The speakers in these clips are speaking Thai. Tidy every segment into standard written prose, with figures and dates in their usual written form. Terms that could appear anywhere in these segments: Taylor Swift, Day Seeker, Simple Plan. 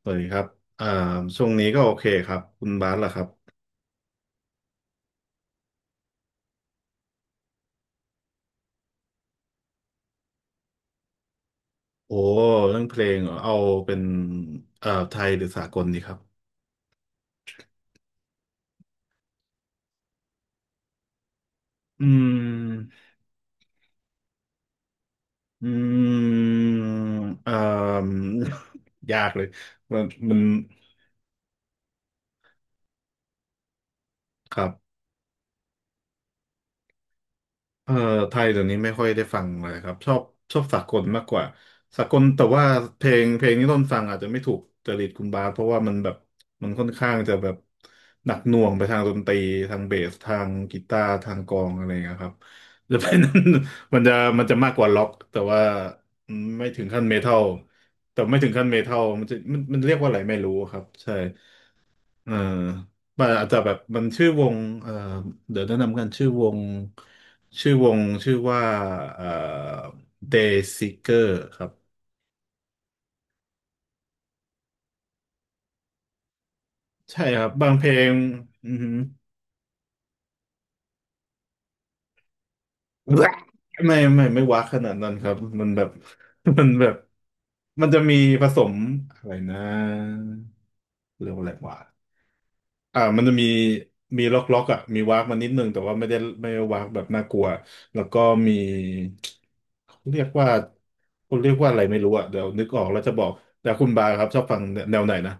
สวัสดีครับอ่าช่วงนี้ก็โอเคครับ คุณบาสล่ะครับ โอ้เรื่องเพลงเหรอเอาเป็นไทยหรือสากลดีครับ อืม อืมเอ่ม ยากเลย มันมันครับ เอ่อไทยเดี๋ยวนี้ไม่ค่อยได้ฟังเลยครับชอบสากลมากกว่าสากลแต่ว่าเพลงที่ต้นฟังอาจจะไม่ถูกจริตคุณบาสเพราะว่ามันแบบมันค่อนข้างจะแบบหนักหน่วงไปทางดนตรีทางเบสทางกีตาร์ทางกลองอะไรอย่างเงี้ยครับ จะเป็น มันจะมันจะมากกว่าล็อกแต่ว่าไม่ถึงขั้นเมทัลแต่ไม่ถึงขั้นเมทัลมันจะมันเรียกว่าอะไรไม่รู้ครับใช่ เออมันอาจจะแบบมันชื่อวงเออเดี๋ยวแนะนำกันชื่อวงชื่อว่าเออ Day Seeker ครับใช่ครับบางเพลงอือฮึ แบะไม่ไม่ว้าขนาดนั้นครับมันแบบ มันแบบมันจะมีผสมอะไรนะเรียกว่าอะไรวะมันจะมีล็อกอ่ะมีว้ากมานิดนึงแต่ว่าไม่ได้ว้ากแบบน่ากลัวแล้วก็มีเขาเรียกว่าเขาเรียกว่าอะไรไม่รู้อ่ะเดี๋ยวนึกออกแล้วจะบอกแต่คุณบาครับชอบฟังแนวไหนนะ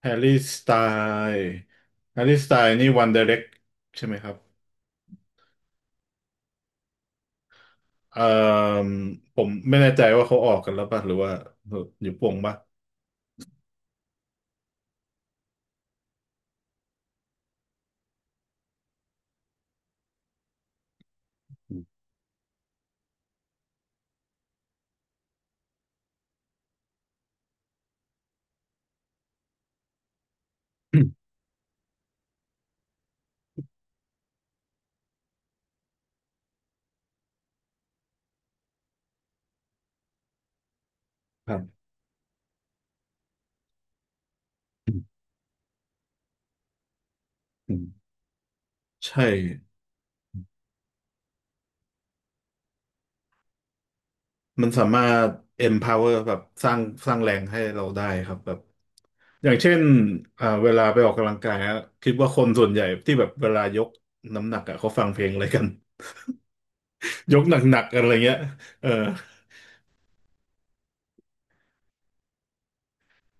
แฮร์รี่สไตล์นี่วันไดเรกใช่ไหมครับ เอ่อผมไม่แน่ใจว่าเขาออกกันแล้วป่ะหรือว่าอยู่ป่วงป่ะอืมครับอืมอืมใช่ มันสามารถ empower แบบสร้างแรงให้เราได้ครับแบบอย่างเช่นเวลาไปออกกำลังกายอะคิดว่าคนส่วนใหญ่ที่แบบเวลายกน้ำหนักอะเขาฟังเพลงอะไรกัน ยกหนักๆกันอะไรเงี้ยเออ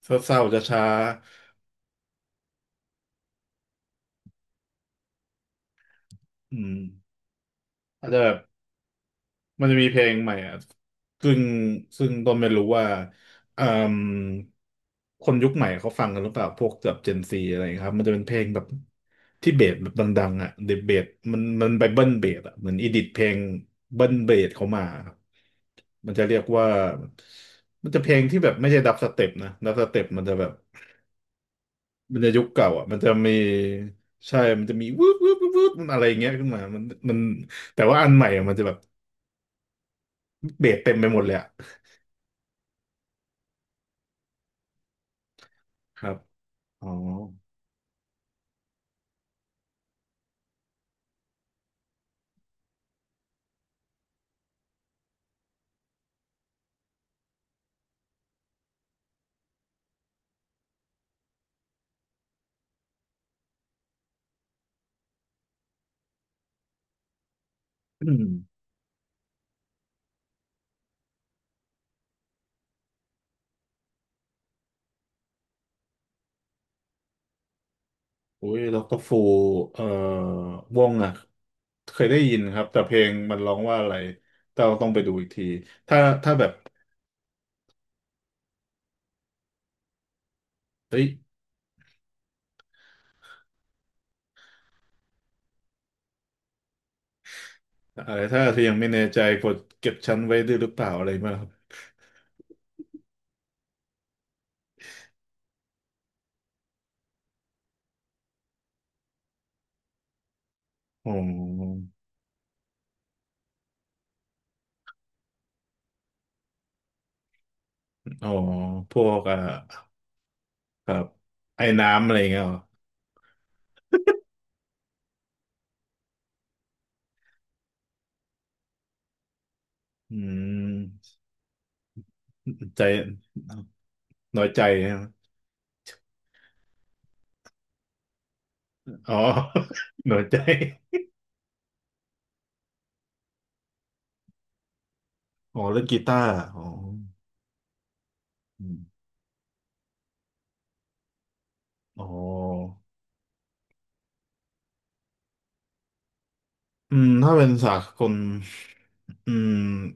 เศร้าๆจะช้าๆอืมอาจจะแบบ มันจะมีเพลงใหม่อ่ะซึ่งต้นไม่รู้ว่าเอ่มคนยุคใหม่เขาฟังกันหรือเปล่าพวกแบบเจนซีอะไรครับมันจะเป็นเพลงแบบที่เบสแบบดังๆอ่ะเดเบสมันไปเบิ้ลเบสอ่ะเหมือนอีดิทเพลงเบิ้ลเบสเขามาครับมันจะเรียกว่ามันจะเพลงที่แบบไม่ใช่ดับสเต็ปนะดับสเต็ปมันจะแบบมันจะยุคเก่าอ่ะมันจะมีใช่มันจะมีวืบวืบวืบวืบมันอะไรอย่างเงี้ยขึ้นมามันแต่ว่าอันใหม่อะมันจะแบบเบสเต็มไปหมดเลยอะ ครับอ๋อ อืมอุ้ยดรฟูเอ่อวงอ่ะเคยได้ยินครับ แต่เพลงมันร้องว่าอะไรแต่เราต้องไปดูอีกทีถ้าแบบเฮ้ยอะไรถ้าเธอยังไม่แน่ใจกดเก็บฉันไว้ด้วยหรือเปล่าอะไรมางครับอ๋ออ๋อพวกอ่ะครับไอ้น้ำอะไรเงี้ยเหรออืมใจน้อยใจนะอ๋อ น้อยใจอ๋อเล่นกีตาร์อ๋ออืมอ๋อ อืมถ้าเป็นสากลอืม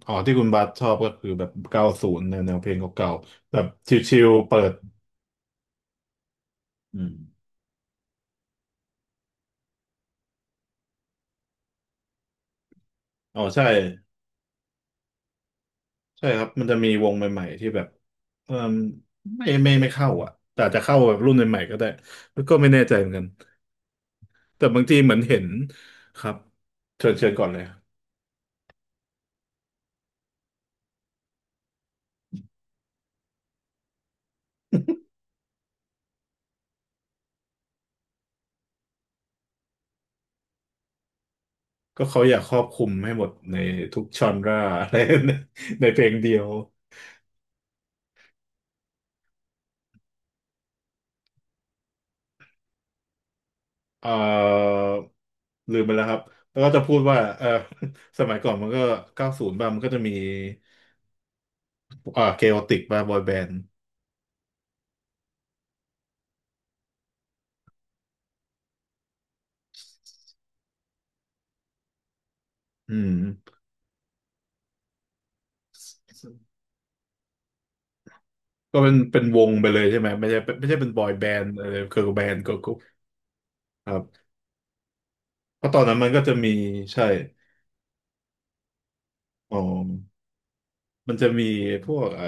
อ๋อที่คุณบัสชอบก็คือแบบเก้าศูนย์แนวเพลงเก่าๆแบบชิลๆเปิดอืมอ๋อใช่ใช่ครับมันจะมีวงใหม่ๆที่แบบเอมไม่ไม่เข้าอ่ะแต่อาจจะเข้าแบบรุ่นใหม่ๆก็ได้แล้วก็ไม่แน่ใจเหมือนกันแต่บางทีเหมือนเห็นครับเชิญก่อนเลยก็เขาอยากครอบคลุมให้หมดในทุกชอนร่าอะไร ในเพลงเดียว เอ่อลืมไปแล้วครับแล้วก็จะพูดว่าเออ สมัยก่อนมันก็เก้าศูนย์บ้างมันก็จะมีเคโอติกบ้างบอยแบนด์อืมก็เป็นวงไปเลยใช่ไหมไม่ใช่เป็นบอยแบนด์อะไรเกิร์ลแบนด์เกิร์ลกรุ๊ปครับเพราะตอนนั้นมันก็จะมีใช่อ๋อมันจะมีพวก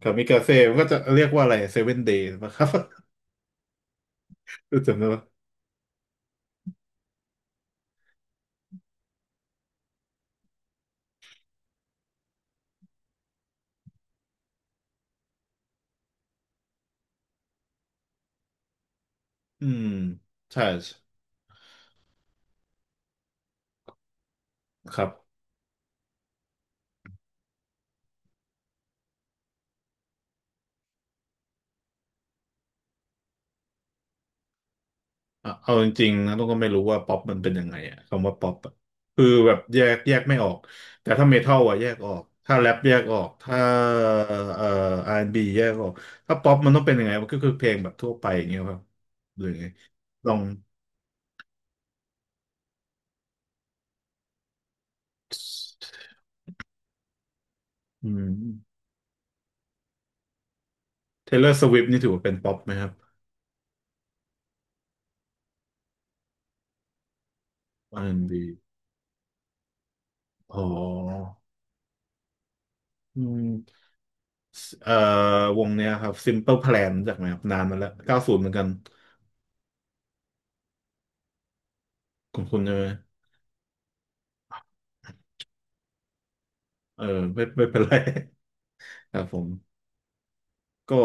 คามิกาเซ่มันก็จะเรียกว่าอะไรเซเว่นเดย์นะครับ รู้จักไหมวะอืมใช่ครับ เอาจริงๆนะต้องก็ไม่รู้ว่าป๊อปมันเป็นยังไงอะคำว่าป๊อปอะคือแบบแยกไม่ออกแต่ถ้าเมทัลอะแยกออกถ้าแรปแยกออกถ้าเอ่อ R&B แอนด์บีแยกออกถ้าป๊อปมันต้องเป็นยังไงมันก็คือเพลงแบบทั่วไปอย่างเงี้ยครับหรือไงลองอืม Taylor Swift นี่ถือว่าเป็นป๊อปไหมครับ R&B อนด์บีอ๋ออืมเอ่อวงเนี้ยครับ Simple Plan รู้จากไหมครับนานมาแล้วเก้าศูนย์เหมือนกันคุณใช่ไหมเออไม่ไม่เป็นไร ครับผม ก็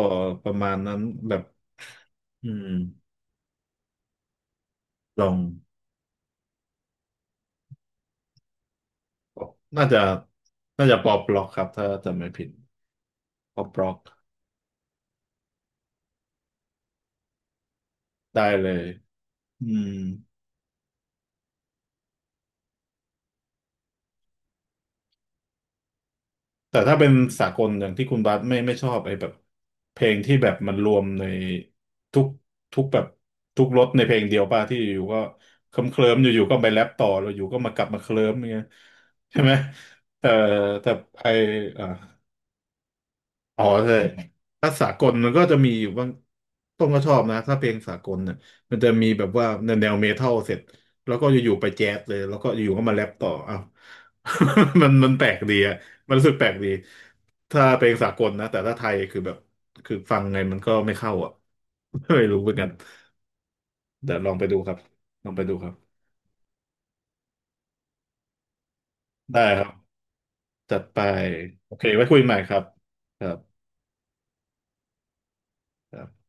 ประมาณนั้นแบบอืมลองน่าจะน่าจะปอบล็อกครับถ้าจำไม่ผิดปอบล็อกได้เลยอืมแต่ถ้าเป็นสากลอย่างที่คุณบัสไม่ไม่ชอบไอ้แบบเพลงที่แบบมันรวมในทุกแบบทุกรสในเพลงเดียวป่ะที่อยู่ก็เคลิ้มเคลิมอยู่ๆก็ไปแรปต่อแล้วอยู่ก็มากลับมาเคลิ้มเงี้ยใช่ไหมแต่แต่ไออ่า อ๋อใช่ถ้าสากลมันก็จะมีอยู่บ้างต้นก็ชอบนะถ้าเพลงสากลเนี่ยมันจะมีแบบว่าแนวเมทัลเสร็จแล้วก็อยู่ๆไปแจ๊สเลยแล้วก็อยู่ๆก็มาแรปต่ออ้าว มันแปลกดีอะมันรู้สึกแปลกดีถ้าเพลงสากลนะแต่ถ้าไทยคือแบบคือฟังไงมันก็ไม่เข้าอ่ะ ไม่รู้เหมือนกันเดี๋ยวลองไปดูครับลองไปดูครับได้ครับจัดไปโอเคไว้คุยใหม่ครับครับครับ